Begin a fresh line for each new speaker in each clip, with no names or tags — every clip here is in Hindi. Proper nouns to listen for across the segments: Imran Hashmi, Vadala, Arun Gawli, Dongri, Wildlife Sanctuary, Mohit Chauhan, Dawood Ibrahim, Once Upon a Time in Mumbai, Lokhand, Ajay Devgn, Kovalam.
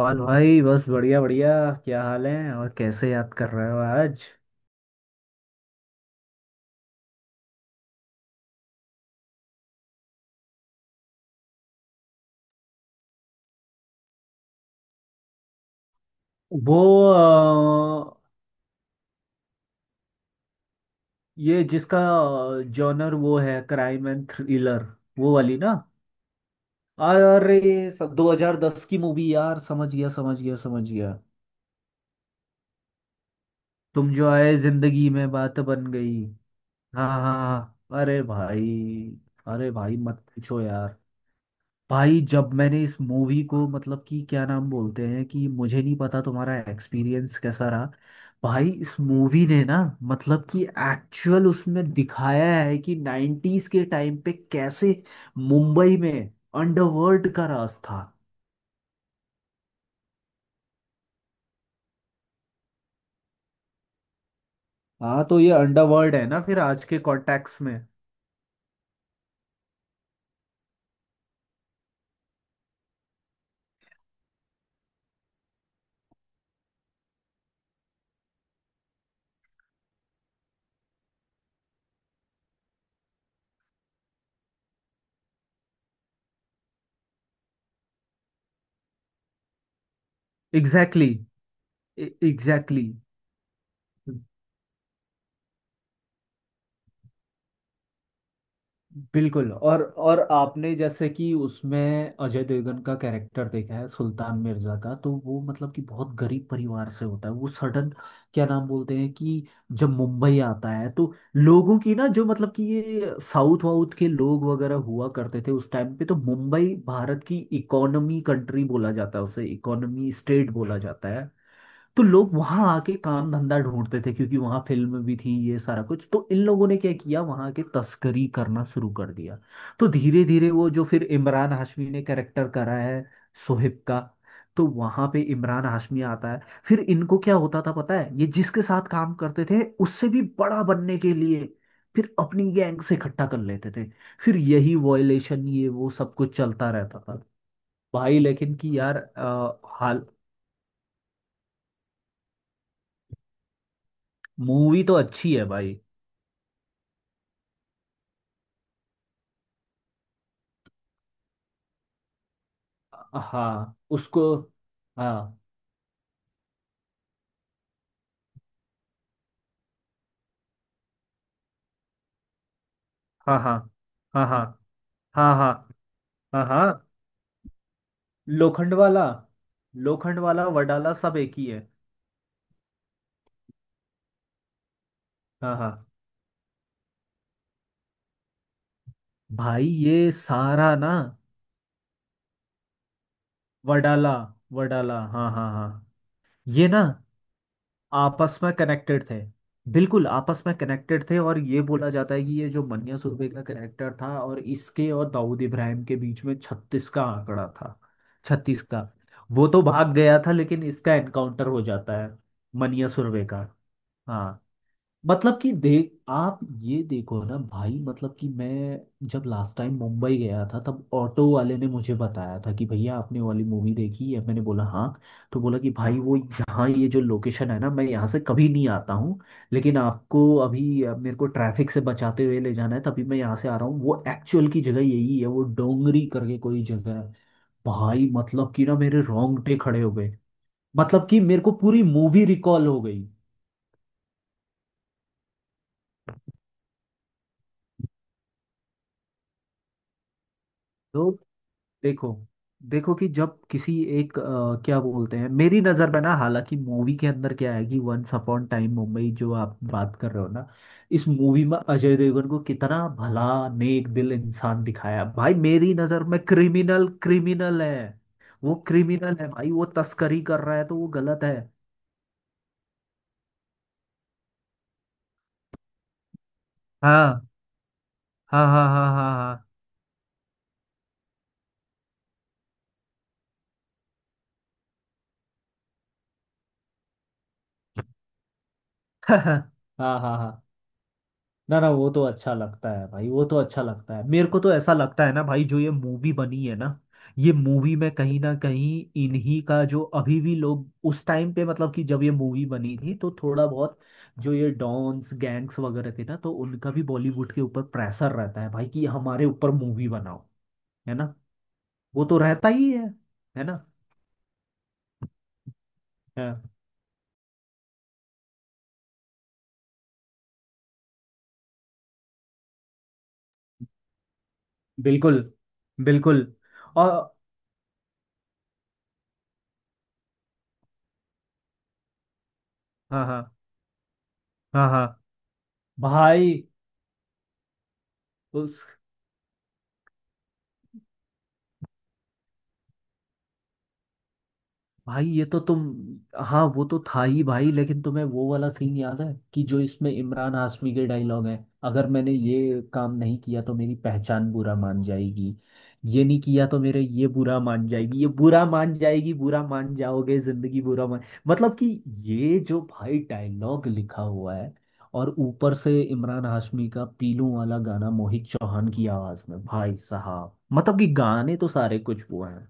और भाई बस बढ़िया बढ़िया। क्या हाल है और कैसे याद कर रहे हो आज? वो अ, ये जिसका जॉनर वो है, क्राइम एंड थ्रिलर, वो वाली ना? अरे सब दो हजार दस की मूवी यार, समझ गया समझ गया समझ गया। तुम जो आए जिंदगी में बात बन गई। हाँ हाँ हाँ, अरे भाई! अरे भाई मत पूछो यार। भाई जब मैंने इस मूवी को, मतलब कि क्या नाम बोलते हैं, कि मुझे नहीं पता तुम्हारा एक्सपीरियंस कैसा रहा। भाई इस मूवी ने ना, मतलब कि एक्चुअल उसमें दिखाया है कि 90s के टाइम पे कैसे मुंबई में अंडरवर्ल्ड का राज था। हाँ तो ये अंडरवर्ल्ड है ना फिर आज के कॉन्टेक्स्ट में। एग्जैक्टली। एग्जैक्टली। बिल्कुल। और आपने जैसे कि उसमें अजय देवगन का कैरेक्टर देखा है, सुल्तान मिर्जा का, तो वो मतलब कि बहुत गरीब परिवार से होता है, वो सडन क्या नाम बोलते हैं कि जब मुंबई आता है तो लोगों की ना, जो मतलब कि ये साउथ वाउथ के लोग वगैरह हुआ करते थे उस टाइम पे, तो मुंबई भारत की इकोनॉमी कंट्री बोला जाता है, उसे इकोनॉमी स्टेट बोला जाता है। तो लोग वहां आके काम धंधा ढूंढते थे क्योंकि वहां फिल्म भी थी, ये सारा कुछ। तो इन लोगों ने क्या किया, वहां के तस्करी करना शुरू कर दिया। तो धीरे धीरे वो जो फिर इमरान हाशमी ने कैरेक्टर करा है, सोहिब का, तो वहां पे इमरान हाशमी आता है। फिर इनको क्या होता था पता है, ये जिसके साथ काम करते थे उससे भी बड़ा बनने के लिए फिर अपनी गैंग से इकट्ठा कर लेते थे। फिर यही वायलेशन, ये वो सब कुछ चलता रहता था। भाई लेकिन कि यार हाल। मूवी तो अच्छी है भाई। हाँ उसको। हाँ हाँ हाँ हाँ हाँ हाँ हाँ हाँ हाँ। लोखंड वाला, लोखंड वाला, वडाला, सब एक ही है। हाँ हाँ। भाई ये सारा ना, वडाला, वडाला, हाँ हाँ हाँ। ये ना आपस में कनेक्टेड थे। बिल्कुल आपस में कनेक्टेड थे। और ये बोला जाता है कि ये जो मन्या सुरभि का करेक्टर था, और इसके और दाऊद इब्राहिम के बीच में छत्तीस का आंकड़ा था। छत्तीस का। वो तो भाग गया था, लेकिन इसका एनकाउंटर हो जाता है, मन्या सुरभि का। हाँ। मतलब कि देख आप ये देखो ना भाई, मतलब कि मैं जब लास्ट टाइम मुंबई गया था तब ऑटो वाले ने मुझे बताया था कि भैया आपने वाली मूवी देखी है, मैंने बोला हाँ। तो बोला कि भाई वो यहाँ ये जो लोकेशन है ना, मैं यहाँ से कभी नहीं आता हूँ, लेकिन आपको अभी मेरे को ट्रैफिक से बचाते हुए ले जाना है, तभी मैं यहाँ से आ रहा हूँ। वो एक्चुअल की जगह यही है, वो डोंगरी करके कोई जगह है। भाई मतलब कि ना मेरे रोंगटे खड़े हो गए। मतलब कि मेरे को पूरी मूवी रिकॉल हो गई। तो देखो, देखो कि जब किसी एक क्या बोलते हैं, मेरी नज़र में ना, हालांकि मूवी के अंदर क्या है कि वंस अपॉन टाइम मुंबई जो आप बात कर रहे हो ना, इस मूवी में अजय देवगन को कितना भला, नेक दिल इंसान दिखाया। भाई मेरी नज़र में क्रिमिनल क्रिमिनल है। वो क्रिमिनल है भाई, वो तस्करी कर रहा है तो वो गलत है। हाँ हाँ हाँ हाँ हाँ हाँ। हाँ हाँ हाँ। ना ना, वो तो अच्छा लगता है भाई, वो तो अच्छा लगता है। मेरे को तो ऐसा लगता है ना भाई, जो ये मूवी बनी है ना, ये मूवी में कहीं ना कहीं इन्हीं का जो अभी भी लोग, उस टाइम पे मतलब कि जब ये मूवी बनी थी, तो थोड़ा बहुत जो ये डॉन्स गैंग्स वगैरह थे ना, तो उनका भी बॉलीवुड के ऊपर प्रेशर रहता है भाई कि हमारे ऊपर मूवी बनाओ। है ना। वो तो रहता ही है। है ना। हाँ, बिल्कुल। बिल्कुल। और हाँ हाँ हाँ हाँ। भाई उस, भाई ये तो तुम, हाँ वो तो था ही भाई। लेकिन तुम्हें वो वाला सीन याद है कि जो इसमें इमरान हाशमी के डायलॉग है, अगर मैंने ये काम नहीं किया तो मेरी पहचान बुरा मान जाएगी, ये नहीं किया तो मेरे ये बुरा मान जाएगी, ये बुरा मान जाएगी, बुरा मान जाओगे, जिंदगी बुरा मान। मतलब कि ये जो भाई डायलॉग लिखा हुआ है, और ऊपर से इमरान हाशमी का पीलू वाला गाना मोहित चौहान की आवाज में, भाई साहब मतलब कि गाने तो सारे कुछ वो हैं।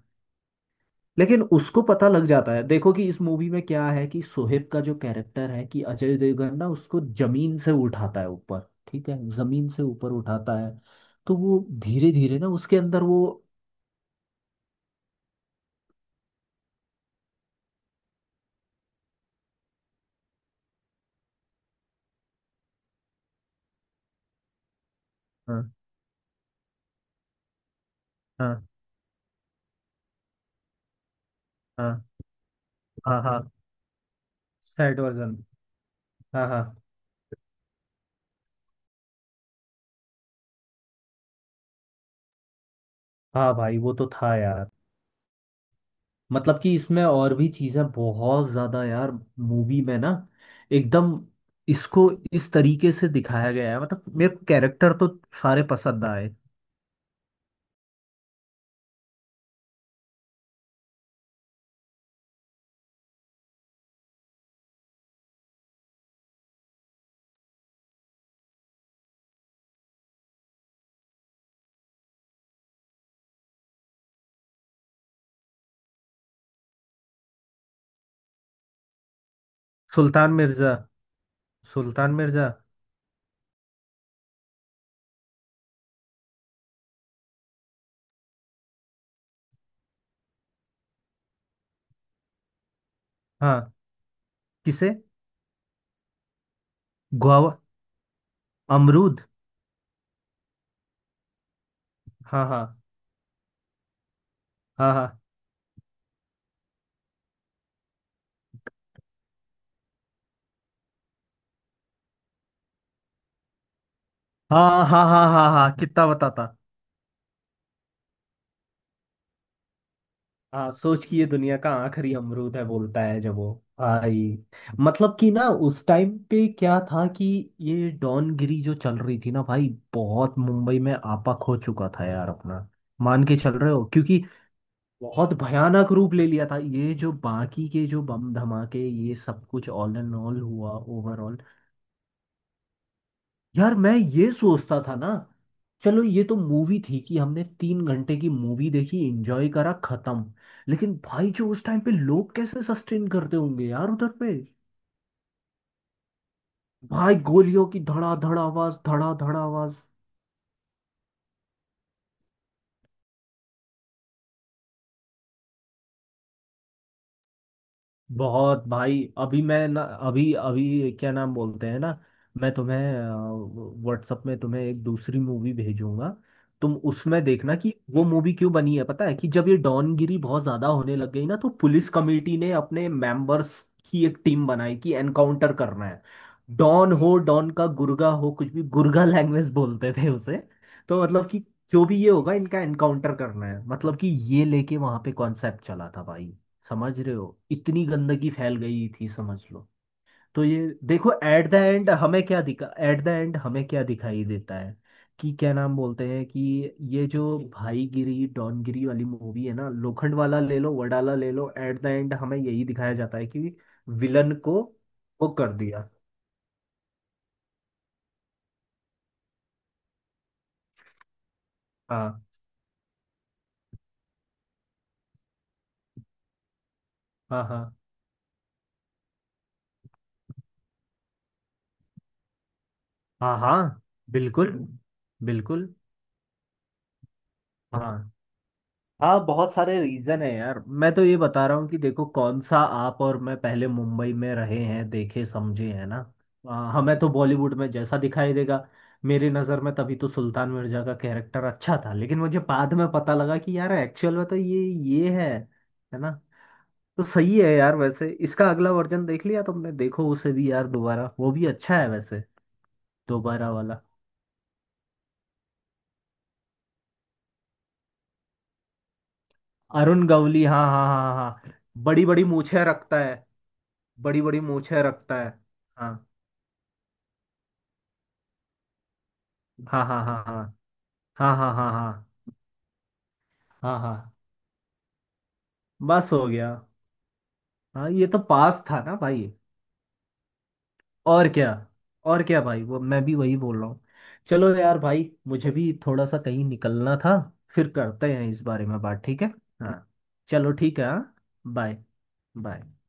लेकिन उसको पता लग जाता है। देखो कि इस मूवी में क्या है कि सोहेब का जो कैरेक्टर है, कि अजय देवगन ना उसको जमीन से उठाता है ऊपर। ठीक है, जमीन से ऊपर उठाता है। तो वो धीरे धीरे ना उसके अंदर वो। हाँ हाँ हाँ हाँ हाँ। Sad version. हाँ हाँ हाँ। भाई वो तो था यार। मतलब कि इसमें और भी चीजें बहुत ज्यादा यार, मूवी में ना, एकदम इसको इस तरीके से दिखाया गया है, मतलब मेरे कैरेक्टर तो सारे पसंद आए। सुल्तान मिर्जा। सुल्तान मिर्जा। हाँ। किसे? गुआवा। अमरूद। हाँ हाँ हाँ हाँ हाँ हाँ हाँ हाँ हाँ, कितना बताता। हाँ, सोच कि ये दुनिया का आखिरी अमरूद है, बोलता है जब वो। भाई मतलब कि ना उस टाइम पे क्या था कि ये डॉनगिरी जो चल रही थी ना भाई, बहुत मुंबई में आपा खो चुका था यार अपना। मान के चल रहे हो, क्योंकि बहुत भयानक रूप ले लिया था। ये जो बाकी के जो बम धमाके, ये सब कुछ ऑल एंड ऑल हुआ, ओवरऑल। यार मैं ये सोचता था ना, चलो ये तो मूवी थी कि हमने तीन घंटे की मूवी देखी, एंजॉय करा, खत्म। लेकिन भाई जो उस टाइम पे लोग कैसे सस्टेन करते होंगे यार उधर पे। भाई गोलियों की धड़ा धड़ आवाज, धड़ा धड़ आवाज। बहुत भाई, अभी मैं ना, अभी अभी क्या नाम बोलते हैं ना, मैं तुम्हें व्हाट्सएप में तुम्हें एक दूसरी मूवी भेजूंगा। तुम उसमें देखना कि वो मूवी क्यों बनी है, पता है? कि जब ये डॉनगिरी बहुत ज्यादा होने लग गई ना, तो पुलिस कमेटी ने अपने मेंबर्स की एक टीम बनाई कि एनकाउंटर करना है। डॉन हो, डॉन का गुर्गा हो, कुछ भी, गुर्गा लैंग्वेज बोलते थे उसे। तो मतलब कि जो भी ये होगा इनका एनकाउंटर करना है, मतलब कि ये लेके वहां पे कॉन्सेप्ट चला था भाई। समझ रहे हो, इतनी गंदगी फैल गई थी, समझ लो। तो ये देखो, एट द एंड हमें क्या दिखा, एट द एंड हमें क्या दिखाई देता है, कि क्या नाम बोलते हैं कि ये जो भाईगिरी डॉनगिरी वाली मूवी है ना, लोखंड वाला ले लो, वडाला ले लो, एट द एंड हमें यही दिखाया जाता है कि विलन को वो कर दिया। हाँ हाँ हाँ हाँ हाँ। बिल्कुल। बिल्कुल। हाँ हाँ, बहुत सारे रीजन है यार, मैं तो ये बता रहा हूँ कि देखो कौन सा, आप और मैं पहले मुंबई में रहे हैं, देखे समझे हैं ना। हमें तो बॉलीवुड में जैसा दिखाई देगा। मेरी नज़र में तभी तो सुल्तान मिर्जा का कैरेक्टर अच्छा था, लेकिन मुझे बाद में पता लगा कि यार एक्चुअल में तो ये है। है ना। तो सही है यार। वैसे इसका अगला वर्जन देख लिया तुमने? देखो उसे भी यार, दोबारा, वो भी अच्छा है वैसे। दोबारा वाला। अरुण गवली, हाँ हाँ हाँ हाँ। बड़ी बड़ी मूछें रखता है। बड़ी बड़ी मूछें रखता है। हाँ हाँ हाँ हाँ हाँ हाँ हाँ हाँ हाँ हाँ हाँ, बस हो गया। हाँ ये तो पास था ना भाई। और क्या, और क्या भाई, वो मैं भी वही बोल रहा हूँ। चलो यार भाई, मुझे भी थोड़ा सा कहीं निकलना था, फिर करते हैं इस बारे में बात, ठीक है? हाँ। चलो ठीक है। हाँ। बाय। बाय।